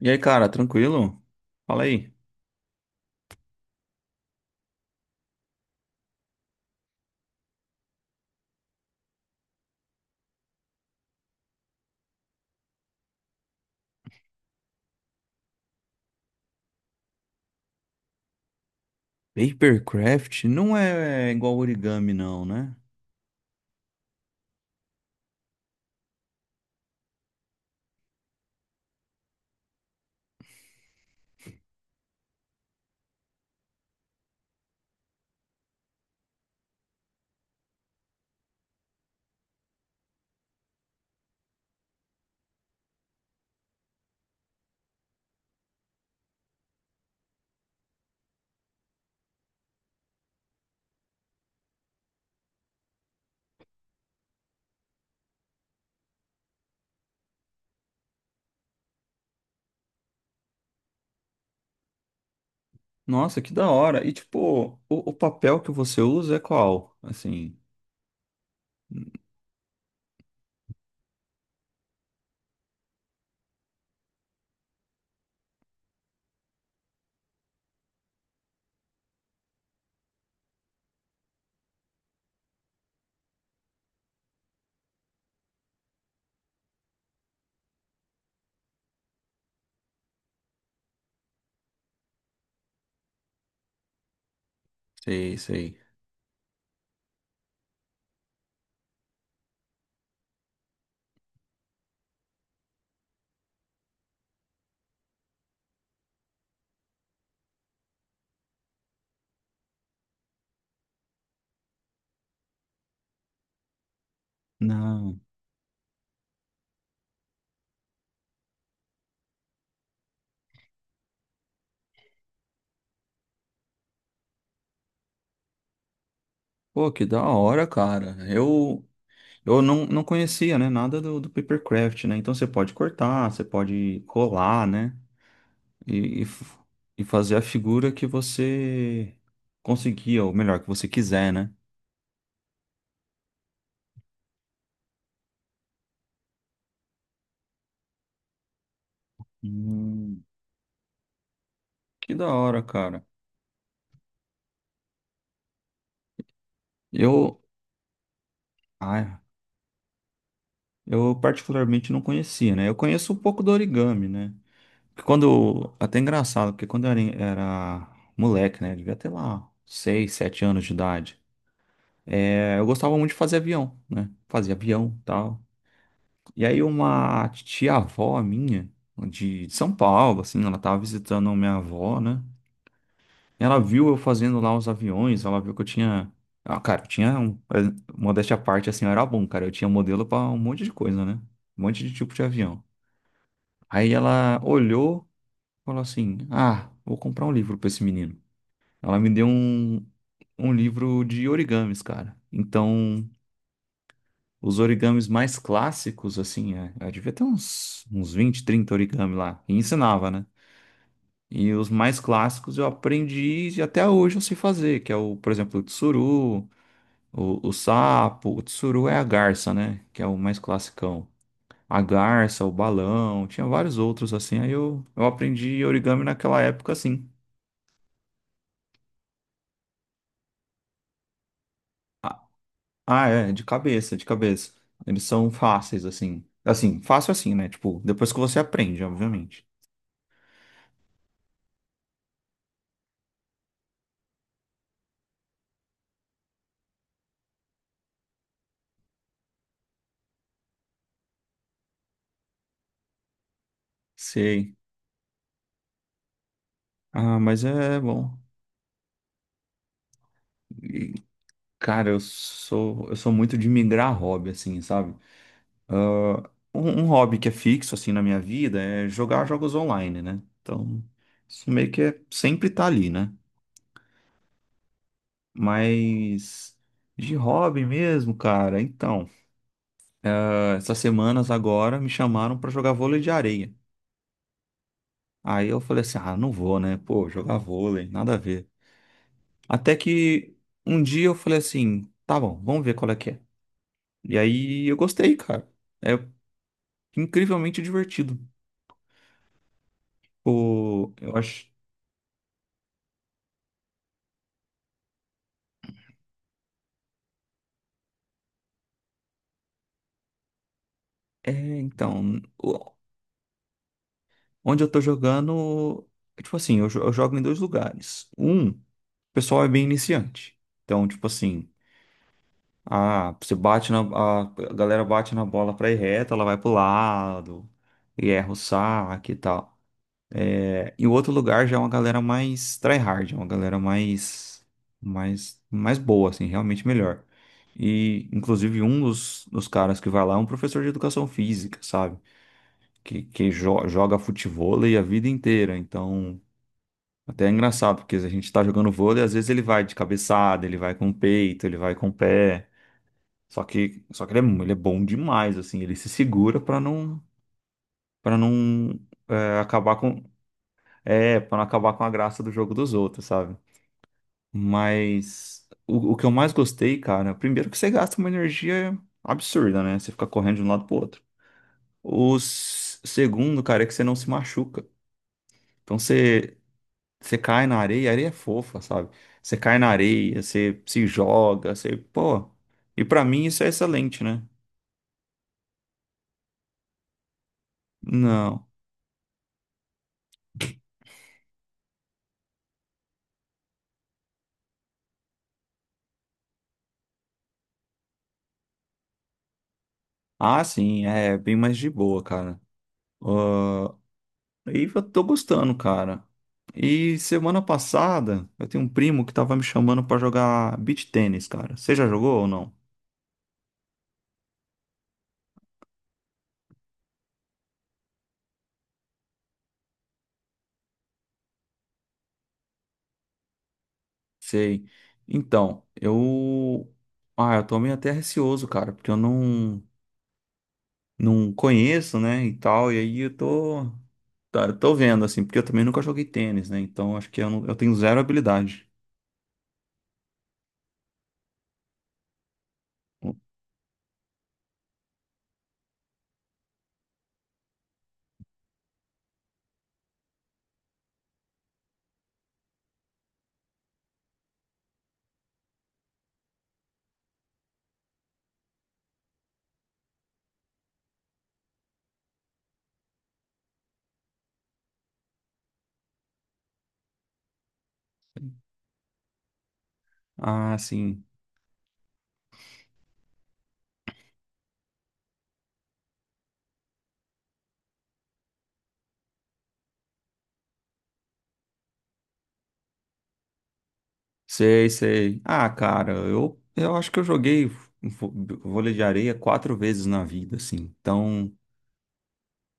E aí, cara, tranquilo? Fala aí. Papercraft não é igual origami, não, né? Nossa, que da hora. E tipo, o papel que você usa é qual? Assim, sei, sei. Não. Pô, que da hora, cara. Eu não conhecia, né, nada do papercraft, né? Então você pode cortar, você pode colar, né? E, e, f- e fazer a figura que você conseguir, ou melhor, que você quiser, né? Hum, que da hora, cara. Eu, Ah, eu particularmente não conhecia, né? Eu conheço um pouco do origami, né? Até engraçado, porque quando eu era moleque, né? Devia ter lá 6, 7 anos de idade. É, eu gostava muito de fazer avião, né? Fazia avião, tal. E aí uma tia-avó minha, de São Paulo, assim, ela tava visitando minha avó, né? Ela viu eu fazendo lá os aviões, ela viu que eu tinha. Ah, cara, eu tinha um. Modéstia à parte, assim, eu era bom, cara. Eu tinha modelo pra um monte de coisa, né? Um monte de tipo de avião. Aí ela olhou, e falou assim: Ah, vou comprar um livro pra esse menino. Ela me deu um livro de origamis, cara. Então, os origamis mais clássicos, assim, eu devia ter uns 20, 30 origami lá. E ensinava, né? E os mais clássicos eu aprendi e até hoje eu sei fazer, que é o, por exemplo, o tsuru, o sapo. O tsuru é a garça, né? Que é o mais clássico a garça, o balão, tinha vários outros assim. Aí eu aprendi origami naquela época assim. Ah, ah, é, de cabeça, de cabeça. Eles são fáceis assim. Assim, fácil assim, né? Tipo, depois que você aprende, obviamente. Sei. Ah, mas é bom. E, cara, eu sou muito de migrar hobby assim, sabe? Ah, um hobby que é fixo assim na minha vida é jogar jogos online, né? Então, isso meio que é, sempre tá ali, né? Mas de hobby mesmo, cara. Então, essas semanas agora me chamaram pra jogar vôlei de areia. Aí eu falei assim: "Ah, não vou, né? Pô, jogar vôlei, nada a ver". Até que um dia eu falei assim: "Tá bom, vamos ver qual é que é". E aí eu gostei, cara. É incrivelmente divertido. Pô, eu acho. É, então, onde eu tô jogando, tipo assim, eu jogo em dois lugares. Um, o pessoal é bem iniciante. Então, tipo assim, Ah, você bate na. A galera bate na bola pra ir reta, ela vai pro lado e erra o saque e tal. É, e o outro lugar já é uma galera mais tryhard, é uma galera mais boa, assim, realmente melhor. E, inclusive, um dos caras que vai lá é um professor de educação física, sabe? Que joga futevôlei a vida inteira. Então, até é engraçàdo, porque a gente tá jogando vôlei, às vezes ele vai de cabeçada, ele vai com o peito, ele vai com o pé. Só que ele é bom demais, assim, ele se segura pra não, para não é, acabar com, para não acabar com a graça do jogo dos outros, sabe? Mas o que eu mais gostei, cara, primeiro que você gasta uma energia absurda, né? Você fica correndo de um lado pro outro. O segundo, cara, é que você não se machuca. Então você cai na areia, a areia é fofa, sabe? Você cai na areia, você se joga, você, pô. E pra mim isso é excelente, né? Não. Ah, sim, é bem mais de boa, cara. Ah, e eu tô gostando, cara. E semana passada, eu tenho um primo que tava me chamando pra jogar beach tênis, cara. Você já jogou ou não? Sei. Então, eu. Ah, eu tô meio até receoso, cara, porque eu não conheço, né, e tal. E aí eu tô. Tá, eu tô vendo, assim, porque eu também nunca joguei tênis, né? Então acho que eu, não- eu tenho zero habilidade. Ah, sim. Sei, sei. Ah, cara, eu acho que eu joguei vo- vôlei de areia 4 vezes na vida, assim. Então,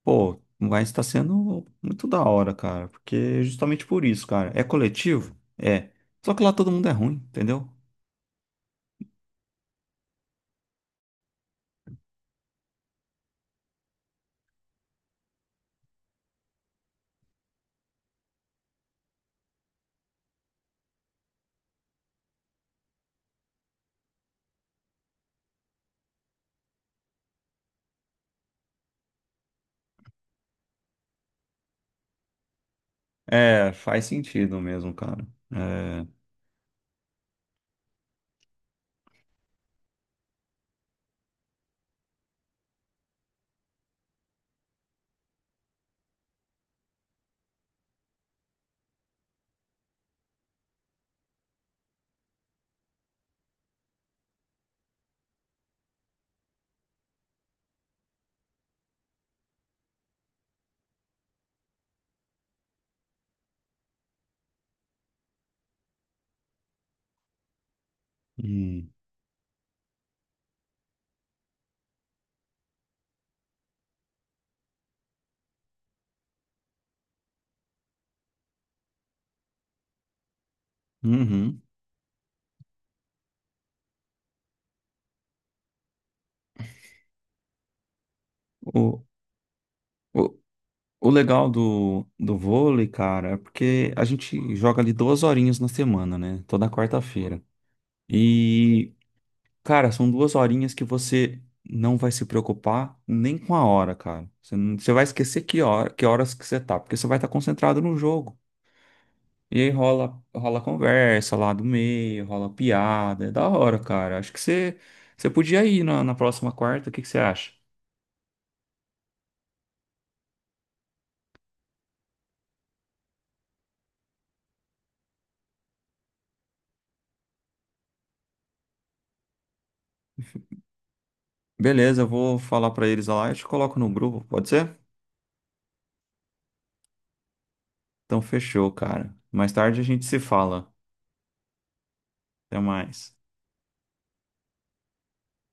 pô, vai estar sendo muito da hora, cara. Porque justamente por isso, cara. É coletivo? É. Só que lá todo mundo é ruim, entendeu? É, faz sentido mesmo, cara. É. Hum, uhum. O, o, o legal do vôlei, cara, é porque a gente joga ali duas horinhas na semana, né? Toda quarta-feira. E, cara, são duas horinhas que você não vai se preocupar nem com a hora, cara. Você, não- você vai esquecer que horas que você tá, porque você vai estar concentrado no jogo. E aí rola conversa lá do meio, rola piada, é da hora, cara. Acho que você podia ir na próxima quarta, o que que você acha? Beleza, eu vou falar pra eles lá e te coloco no grupo, pode ser? Então fechou, cara. Mais tarde a gente se fala. Até mais.